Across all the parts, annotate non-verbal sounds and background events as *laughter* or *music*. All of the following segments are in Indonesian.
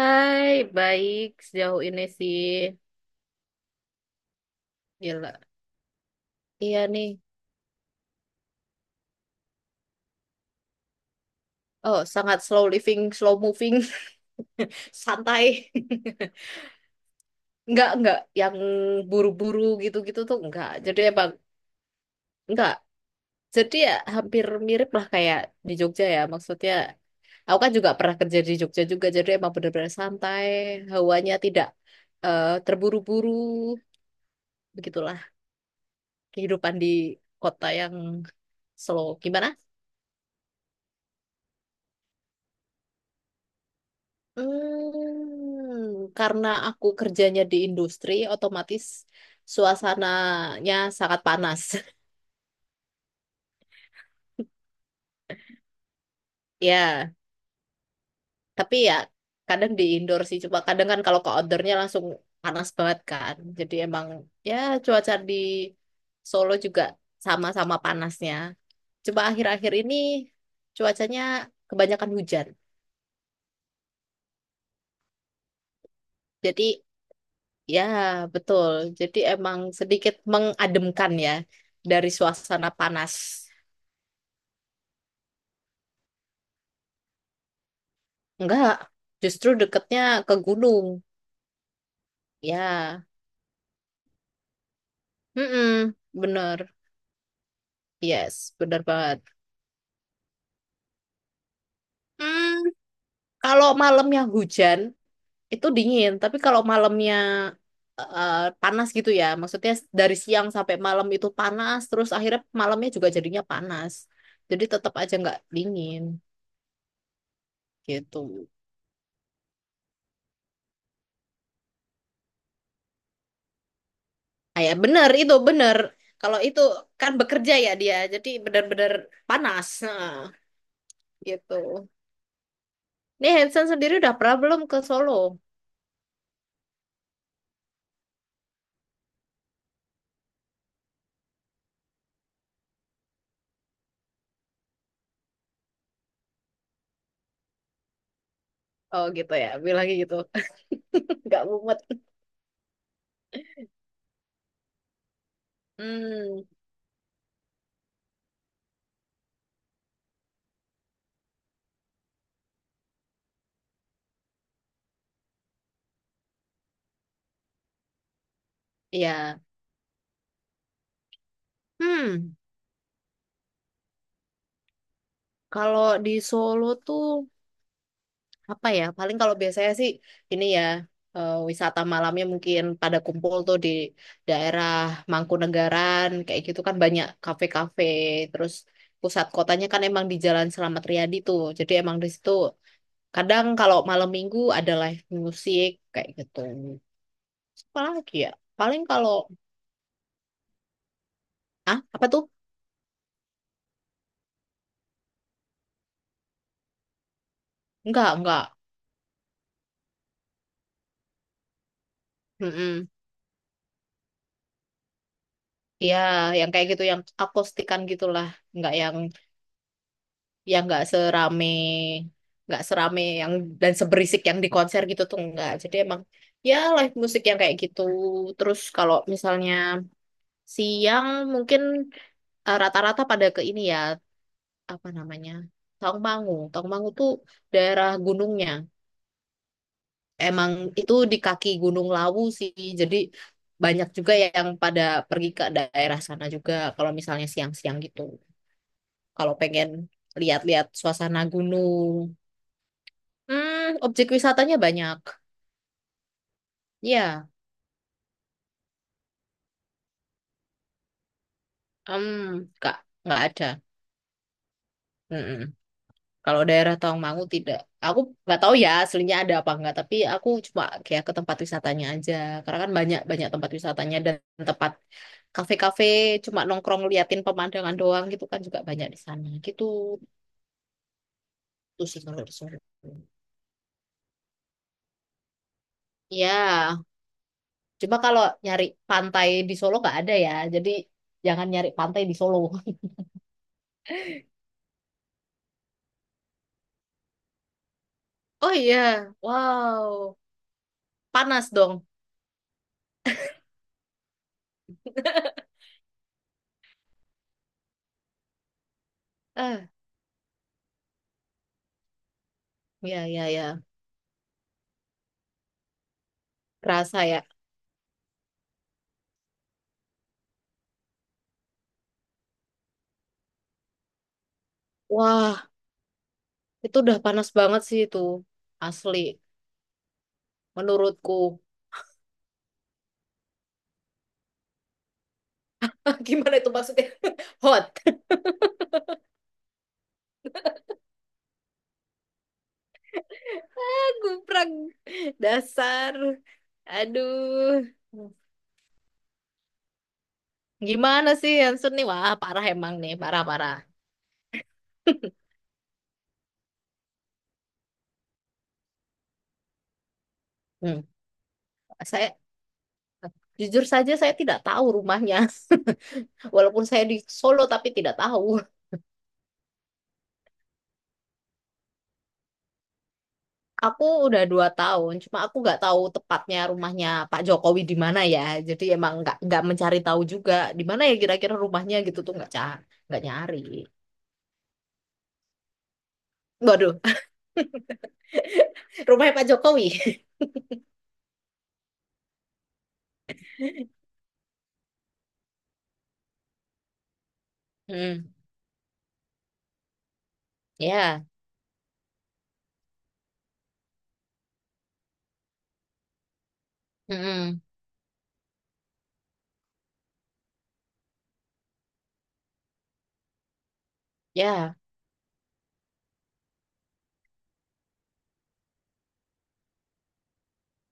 Hai, baik sejauh ini sih. Gila. Iya nih. Oh, sangat slow living, slow moving. *laughs* Santai. *laughs* Enggak, enggak. Yang buru-buru gitu-gitu tuh enggak. Jadi emang enggak. Jadi ya hampir mirip lah kayak di Jogja ya. Maksudnya, aku kan juga pernah kerja di Jogja juga. Jadi emang benar-benar santai. Hawanya tidak terburu-buru. Begitulah kehidupan di kota yang slow. Gimana Karena aku kerjanya di industri, otomatis suasananya sangat panas. *laughs* Ya, tapi ya kadang di indoor sih. Cuma kadang kan kalau ke outdoornya langsung panas banget kan. Jadi emang ya cuaca di Solo juga sama-sama panasnya. Coba akhir-akhir ini cuacanya kebanyakan hujan. Jadi ya betul. Jadi emang sedikit mengademkan ya dari suasana panas. Enggak, justru deketnya ke gunung. Ya, mm bener. Yes, bener banget. Hmm, kalau malamnya hujan, itu dingin. Tapi kalau malamnya eh, panas gitu ya, maksudnya dari siang sampai malam itu panas, terus akhirnya malamnya juga jadinya panas. Jadi tetap aja nggak dingin gitu. Kayak bener itu, bener. Kalau itu kan bekerja ya dia, jadi bener-bener panas. Nah, gitu. Nih Hansen sendiri udah pernah belum ke Solo? Oh gitu ya, bilangnya gitu. *laughs* Nggak mumet. Hmm, ya. Hmm, kalau di Solo tuh apa ya? Paling kalau biasanya sih ini ya wisata malamnya mungkin pada kumpul tuh di daerah Mangkunegaran kayak gitu kan banyak kafe-kafe. Terus pusat kotanya kan emang di Jalan Selamat Riyadi tuh. Jadi emang di situ kadang kalau malam minggu ada live musik kayak gitu. Terus apa lagi ya? Paling kalau. Ah, apa tuh? Enggak, enggak. Mm-mm. Ya, yang kayak gitu, yang akustikan gitulah. Enggak yang enggak serame yang dan seberisik yang di konser gitu tuh enggak. Jadi emang ya live musik yang kayak gitu. Terus kalau misalnya siang mungkin rata-rata pada ke ini ya, apa namanya? Tawangmangu. Tawangmangu tuh daerah gunungnya. Emang itu di kaki Gunung Lawu sih. Jadi banyak juga yang pada pergi ke daerah sana juga kalau misalnya siang-siang gitu. Kalau pengen lihat-lihat suasana gunung. Hmm, objek wisatanya banyak. Ya, hmm, nggak nggak ada. Mm-mm. Kalau daerah Tawangmangu tidak. Aku nggak tahu ya aslinya ada apa enggak, tapi aku cuma kayak ke tempat wisatanya aja. Karena kan banyak banyak tempat wisatanya dan tempat kafe-kafe cuma nongkrong liatin pemandangan doang gitu kan juga banyak di sana. Gitu tuh sih kalau di Solo. Iya, cuma kalau nyari pantai di Solo nggak ada ya. Jadi jangan nyari pantai di Solo. *laughs* Oh iya, wow. Panas dong. *laughs* Eh, ya, ya. Iya. Kerasa ya. Wah, itu udah panas banget sih itu. Asli. Menurutku. *laughs* Gimana itu maksudnya? *laughs* Hot. *laughs* Guprak. Dasar. Aduh. Gimana sih Hansun nih? Wah, parah emang nih. Parah-parah. *laughs* Hmm. Saya jujur saja saya tidak tahu rumahnya. *laughs* Walaupun saya di Solo tapi tidak tahu. Aku udah 2 tahun, cuma aku nggak tahu tepatnya rumahnya Pak Jokowi di mana ya. Jadi emang nggak mencari tahu juga di mana ya kira-kira rumahnya gitu tuh nggak nggak nyari. Waduh, *laughs* rumahnya Pak Jokowi. *laughs* Hmm, ya, hmm, ya,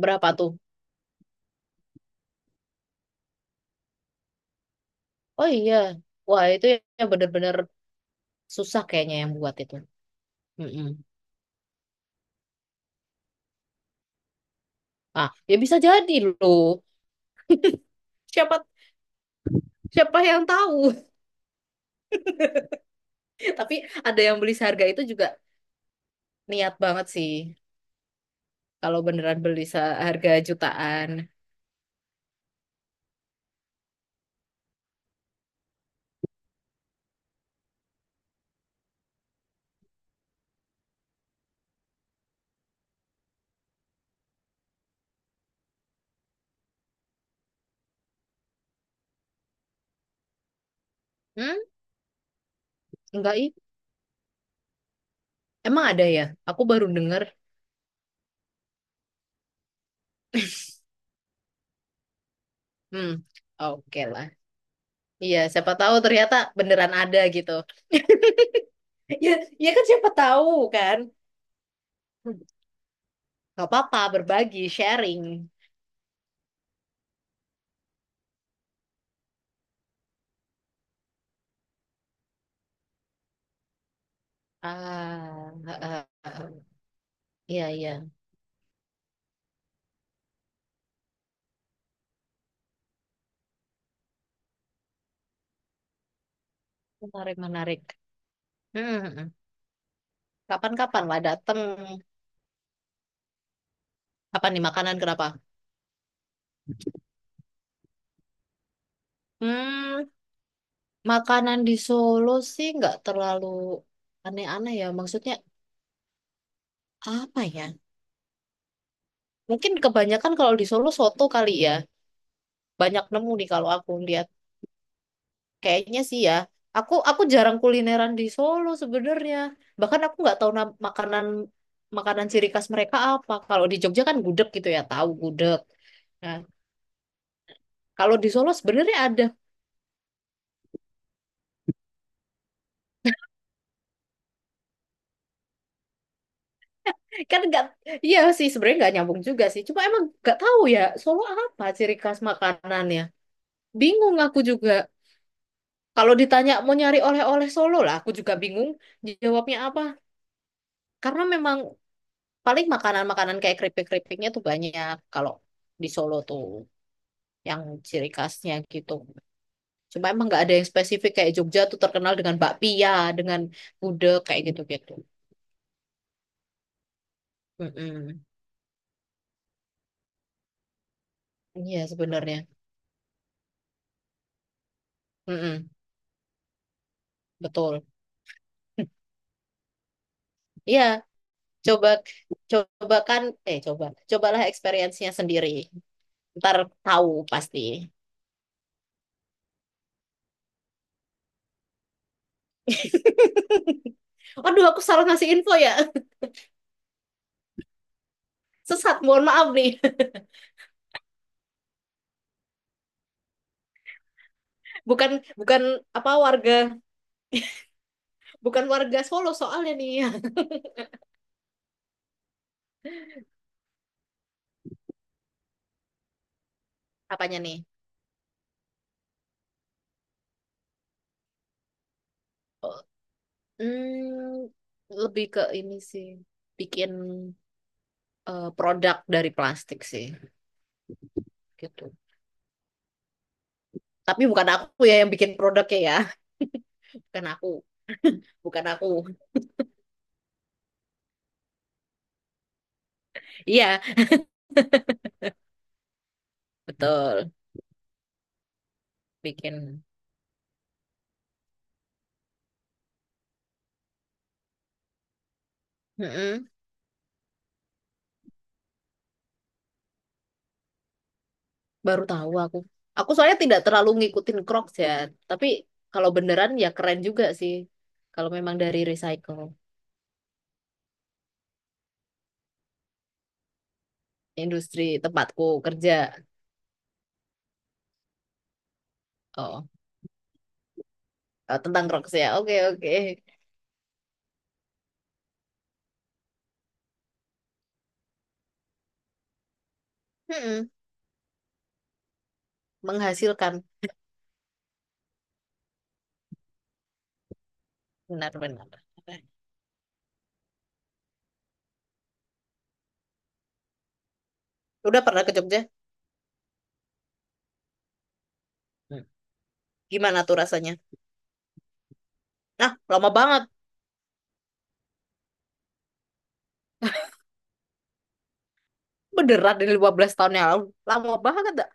berapa tuh? Oh iya, wah itu ya bener-bener susah kayaknya yang buat itu. Hmm, ah, ya bisa jadi loh. Siapa siapa yang tahu? *laughs* Tapi ada yang beli seharga itu juga niat banget sih. Kalau beneran beli seharga jutaan, hmm, enggak ih, emang ada ya? Aku baru denger. Hmm, oke lah. Iya, siapa tahu ternyata beneran ada gitu. *laughs* Ya, ya kan siapa tahu kan. Gak apa-apa, berbagi, sharing. Ah, ah, ah, ah. Iya, iya. Menarik, menarik. Hmm, kapan-kapan lah dateng. Apa nih makanan kenapa? Hmm, makanan di Solo sih nggak terlalu aneh-aneh ya. Maksudnya apa ya? Mungkin kebanyakan kalau di Solo soto kali ya. Banyak nemu nih kalau aku lihat. Kayaknya sih ya. Aku jarang kulineran di Solo sebenarnya. Bahkan aku nggak tahu makanan makanan ciri khas mereka apa. Kalau di Jogja kan gudeg gitu ya, tahu gudeg. Nah, kalau di Solo sebenarnya ada. *laughs* Kan nggak, iya sih sebenarnya nggak nyambung juga sih. Cuma emang nggak tahu ya Solo apa ciri khas makanannya. Bingung aku juga. Kalau ditanya mau nyari oleh-oleh Solo lah, aku juga bingung jawabnya apa. Karena memang paling makanan-makanan kayak keripik-keripiknya tuh banyak kalau di Solo tuh. Yang ciri khasnya gitu. Cuma emang nggak ada yang spesifik kayak Jogja tuh terkenal dengan bakpia, dengan gudeg kayak gitu-gitu. Mm-mm. Iya sebenarnya. Mm-mm. Betul. *laughs* Iya, coba coba kan coba cobalah experience-nya sendiri. Ntar tahu pasti. *laughs* Aduh, aku salah ngasih info ya. *laughs* Sesat, mohon maaf nih. *laughs* Bukan bukan apa warga, bukan warga Solo soalnya nih. *laughs* Apanya nih? Oh, Hmm, lebih ke ini sih, bikin produk dari plastik sih, gitu. Tapi bukan aku ya yang bikin produknya ya, bukan aku, bukan aku. Iya, betul, bikin. Mm-mm. Baru tahu aku. Aku soalnya tidak terlalu ngikutin Crocs ya, tapi kalau beneran ya keren juga sih. Kalau memang dari recycle, industri tempatku kerja. Oh, tentang Crocs ya. Oke, oke. Mm-mm. Menghasilkan, benar-benar. Udah pernah ke Jogja? Hmm. Gimana tuh rasanya? Nah, lama banget. Beneran dari 15 tahun yang lalu. Lama banget dah.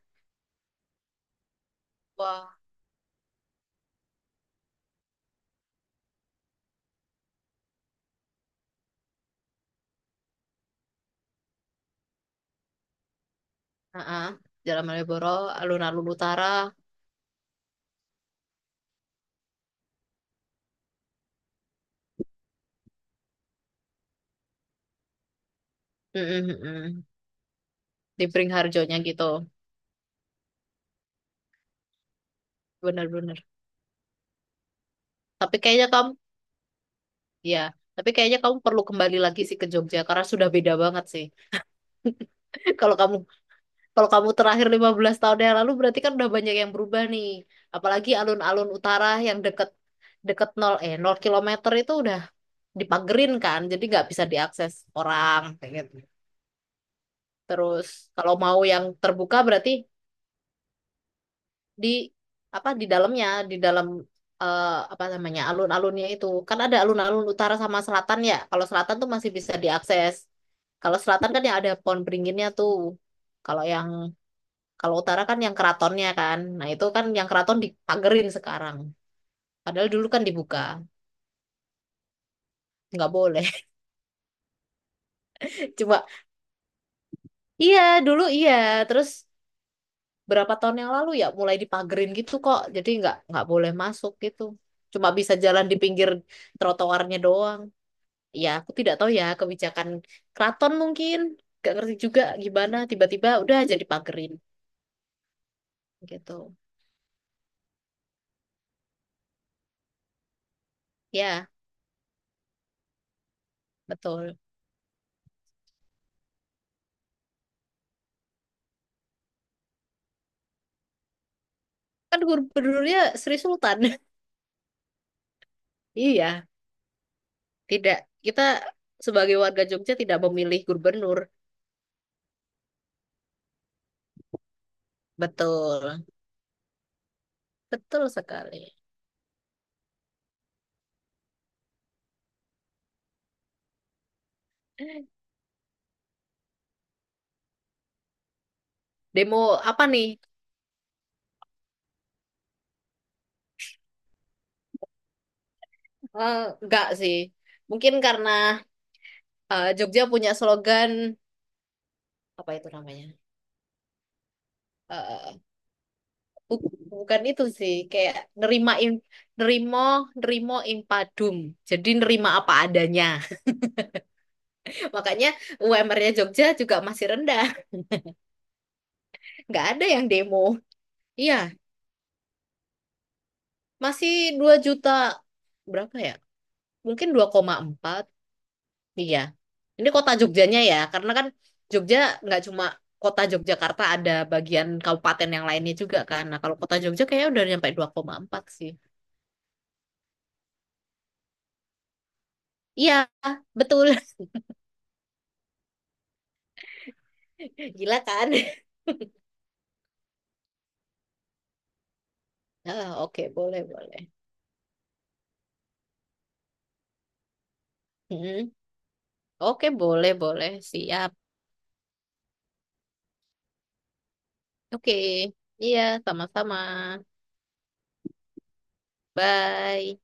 Wah, heeh. Jalan Malioboro, alun-alun utara. Mm-mm, mm-mm. Di Beringharjonya gitu. Bener-bener. Tapi kayaknya kamu, ya. Tapi kayaknya kamu perlu kembali lagi sih ke Jogja karena sudah beda banget sih. *laughs* Kalau kamu kalau kamu terakhir 15 tahun yang lalu berarti kan udah banyak yang berubah nih. Apalagi alun-alun utara yang deket deket nol kilometer itu udah dipagerin kan, jadi nggak bisa diakses orang kayak gitu. Terus kalau mau yang terbuka berarti di apa di dalamnya, di dalam apa namanya alun-alunnya itu. Kan ada alun-alun utara sama selatan ya. Kalau selatan tuh masih bisa diakses. Kalau selatan kan yang ada pohon beringinnya tuh. Kalau yang kalau utara kan yang keratonnya kan. Nah, itu kan yang keraton dipagerin sekarang. Padahal dulu kan dibuka, nggak boleh. *laughs* Cuma iya dulu iya, terus berapa tahun yang lalu ya mulai dipagerin gitu kok. Jadi nggak boleh masuk gitu. Cuma bisa jalan di pinggir trotoarnya doang. Ya aku tidak tahu ya kebijakan keraton mungkin. Gak ngerti juga gimana tiba-tiba udah jadi pagerin gitu. Ya betul. Kan gubernurnya Sri Sultan. *laughs* Iya tidak kita sebagai warga Jogja tidak memilih gubernur. Betul. Betul sekali. Demo apa nih? Eh, nggak sih. Mungkin karena Jogja punya slogan apa itu namanya? Eh, bu- bukan itu sih, kayak nerimain nerimo nerimo impadum. Jadi nerima apa adanya. *laughs* Makanya UMR-nya Jogja juga masih rendah. *laughs* Nggak ada yang demo. Iya, masih 2 juta berapa ya? Mungkin 2,4. Iya. Ini kota Jogjanya ya, karena kan Jogja nggak cuma kota Yogyakarta ada bagian kabupaten yang lainnya juga kan. Nah, kalau kota Jogja kayaknya udah nyampe 2,4 sih. Iya, betul. *laughs* Gila kan? *laughs* Ah, oke, boleh, boleh. Mm-mm. Oke, boleh, boleh. Siap. Oke. Iya, sama-sama. Bye.